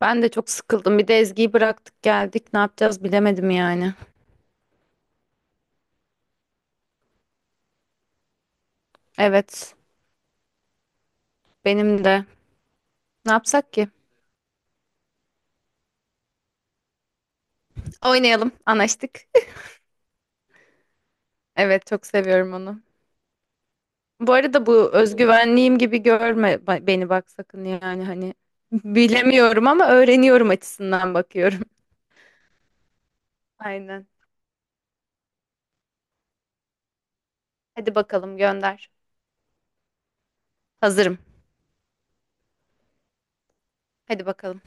Ben de çok sıkıldım. Bir de Ezgi'yi bıraktık geldik. Ne yapacağız bilemedim yani. Evet, benim de. Ne yapsak ki? Oynayalım. Anlaştık. Evet, çok seviyorum onu. Bu arada bu özgüvenliğim gibi görme beni bak sakın yani hani bilemiyorum ama öğreniyorum açısından bakıyorum. Aynen. Hadi bakalım gönder. Hazırım. Hadi bakalım.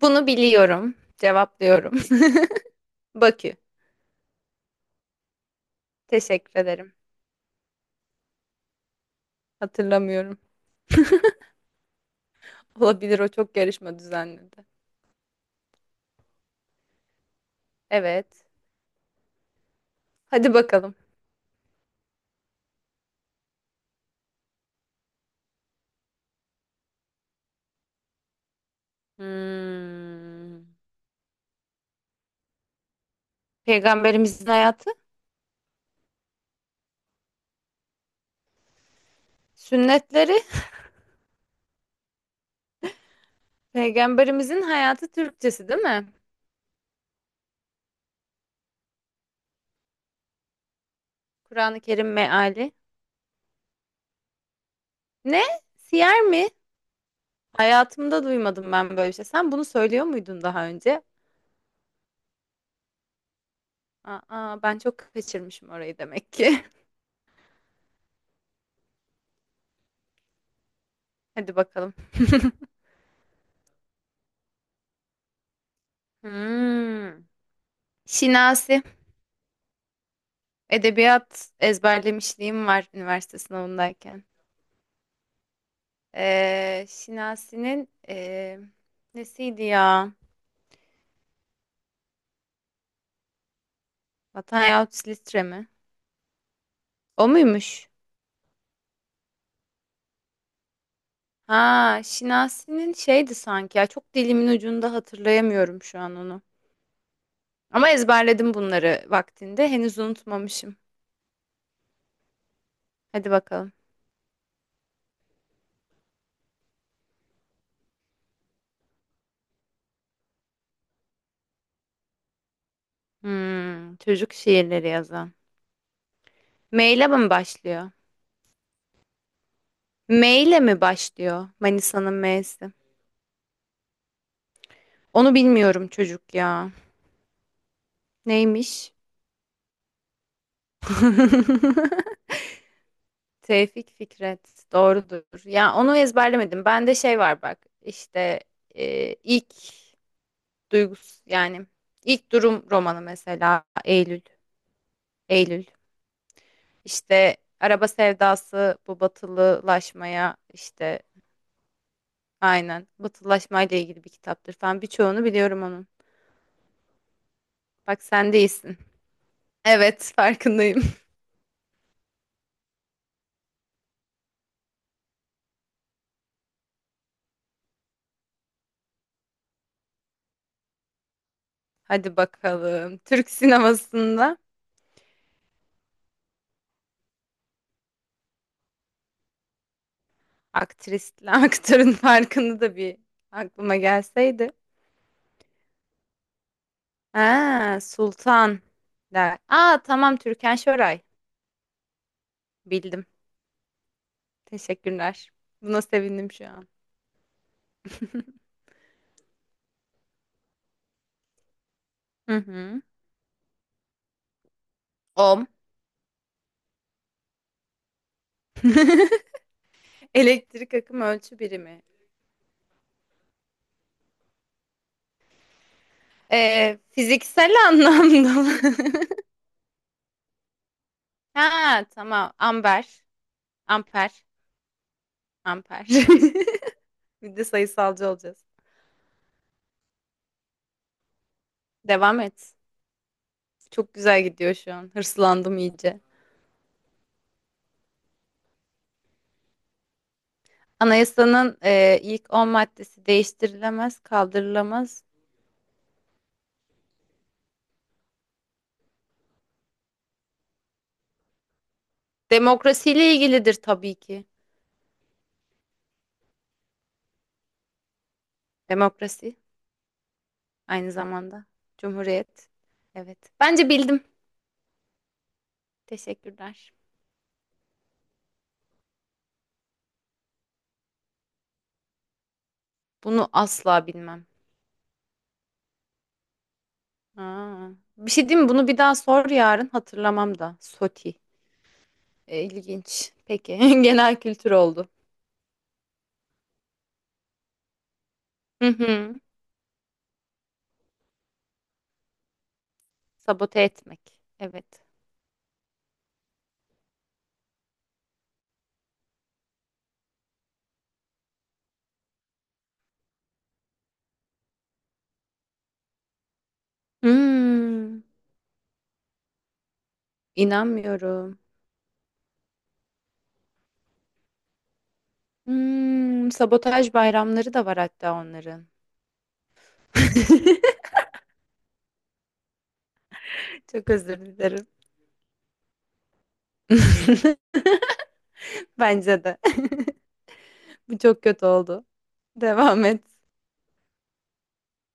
Bunu biliyorum. Cevaplıyorum. Bakü. Teşekkür ederim. Hatırlamıyorum. Olabilir, o çok yarışma düzenledi. Evet. Hadi bakalım. Hmm. Peygamberimizin hayatı, sünnetleri, peygamberimizin hayatı Türkçesi değil mi? Kur'an-ı Kerim meali. Ne? Siyer mi? Hayatımda duymadım ben böyle bir şey. Sen bunu söylüyor muydun daha önce? Aa, ben çok kaçırmışım orayı demek ki. Hadi bakalım. Hmm. Şinasi. Edebiyat ezberlemişliğim var üniversite sınavındayken. Şinasi'nin nesiydi ya? Vatan yahut Silistre mi? O muymuş? Ha, Şinasi'nin şeydi sanki ya. Çok dilimin ucunda, hatırlayamıyorum şu an onu. Ama ezberledim bunları vaktinde. Henüz unutmamışım. Hadi bakalım. Hmm, çocuk şiirleri yazan. M ile mi başlıyor? M ile mi başlıyor? Manisa'nın M'si. Onu bilmiyorum çocuk ya. Neymiş? Tevfik Fikret. Doğrudur. Ya onu ezberlemedim. Bende şey var bak. İşte ilk duygus yani ilk durum romanı mesela Eylül. Eylül. İşte araba sevdası, bu batılılaşmaya, işte aynen batılılaşmayla ilgili bir kitaptır falan, birçoğunu biliyorum onun. Bak, sen değilsin. Evet, farkındayım. Hadi bakalım. Türk sinemasında aktrisle aktörün farkını da bir aklıma gelseydi. Ha, Sultan der. Aa, tamam, Türkan Şoray. Bildim. Teşekkürler. Buna sevindim şu an. Hı hı. Ohm. Elektrik akım ölçü birimi. Fiziksel anlamda mı? Ha tamam. Amber. Amper. Amper. Bir de sayısalcı olacağız. Devam et. Çok güzel gidiyor şu an. Hırslandım iyice. Anayasanın ilk 10 maddesi değiştirilemez, kaldırılamaz. Demokrasiyle ilgilidir tabii ki. Demokrasi aynı zamanda. Cumhuriyet. Evet. Bence bildim. Teşekkürler. Bunu asla bilmem. Aa, bir şey diyeyim mi? Bunu bir daha sor yarın, hatırlamam da. Soti. E, İlginç. Peki. Genel kültür oldu. Hı hı. Sabote etmek. Evet. Hmm, inanmıyorum. Hmm, sabotaj bayramları da var hatta onların. Çok özür dilerim. Bence de. Bu çok kötü oldu. Devam et.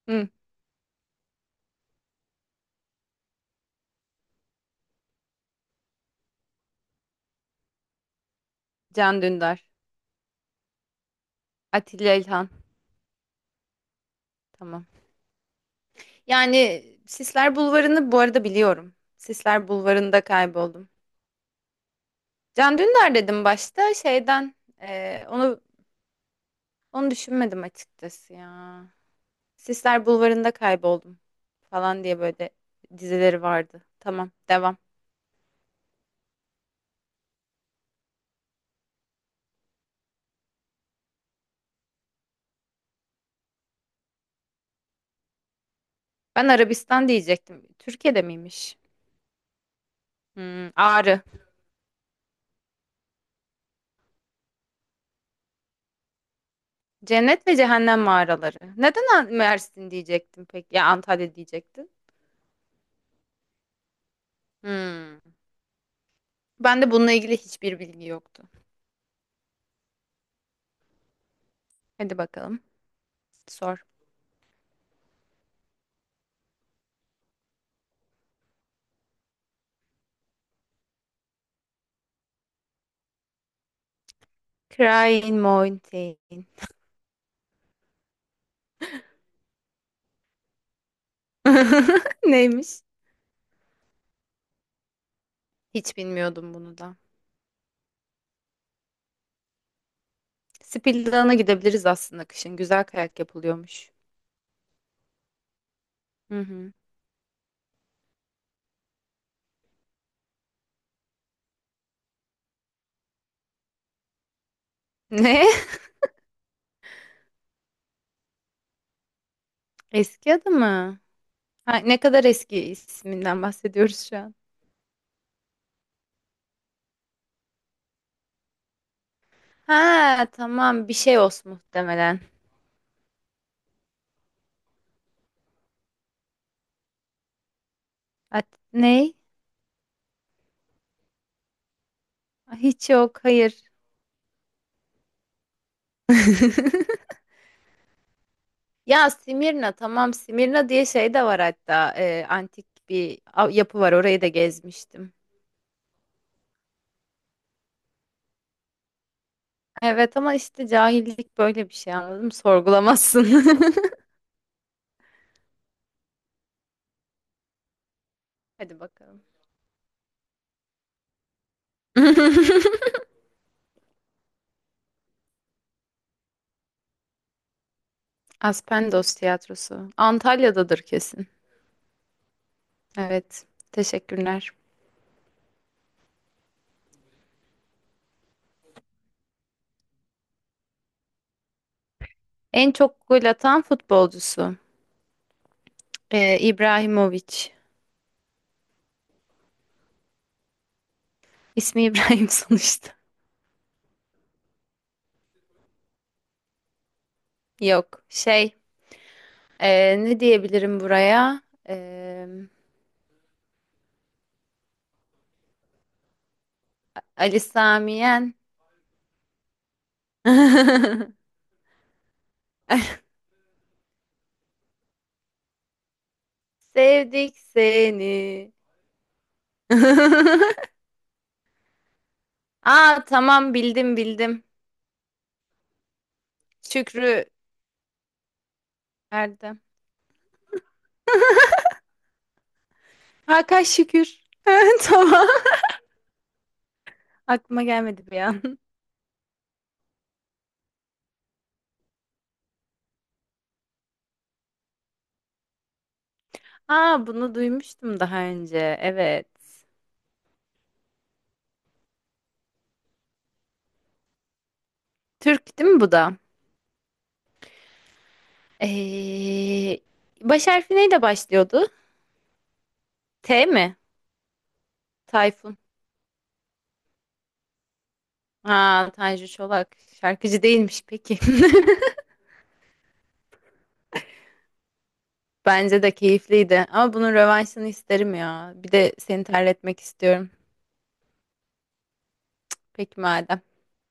Hı, Can Dündar. Atilla İlhan. Tamam. Yani Sisler Bulvarı'nı bu arada biliyorum. Sisler Bulvarı'nda kayboldum. Can Dündar dedim başta şeyden, eee, onu onu düşünmedim açıkçası ya. Sisler Bulvarı'nda kayboldum falan diye böyle dizileri vardı. Tamam, devam. Ben Arabistan diyecektim. Türkiye'de miymiş? Hmm, Ağrı. Cennet ve Cehennem mağaraları. Neden Mersin diyecektim peki? Ya Antalya diyecektin. Hmm. Ben de bununla ilgili hiçbir bilgi yoktu. Hadi bakalım. Sor. Crying Mountain. Neymiş? Hiç bilmiyordum bunu da. Spildan'a gidebiliriz aslında kışın. Güzel kayak yapılıyormuş. Hı hı. Ne? Eski adı mı? Ha, ne kadar eski isminden bahsediyoruz şu an. Ha tamam, bir şey olsun muhtemelen. At ne? Hiç yok, hayır. Ya Simirna, tamam, Simirna diye şey de var hatta, antik bir yapı var, orayı da gezmiştim. Evet ama işte cahillik böyle bir şey, anladım, sorgulamazsın. Hadi bakalım. Aspendos Tiyatrosu. Antalya'dadır kesin. Evet. Teşekkürler. En çok gol atan futbolcusu. İbrahimovic. İsmi İbrahim sonuçta. Yok. Şey. Ne diyebilirim buraya? Ee, Ali Sami Yen. Sevdik seni. Aa tamam, bildim bildim. Şükrü Erdem. Hakan Şükür. Tamam. Aklıma gelmedi bir an. Aa, bunu duymuştum daha önce. Evet. Türk değil mi bu da? Ee, baş harfi neyle başlıyordu? T mi? Tayfun. Aa, Tanju Çolak. Şarkıcı değilmiş peki. Bence de keyifliydi. Ama bunun rövanşını isterim ya. Bir de seni terletmek istiyorum. Peki madem.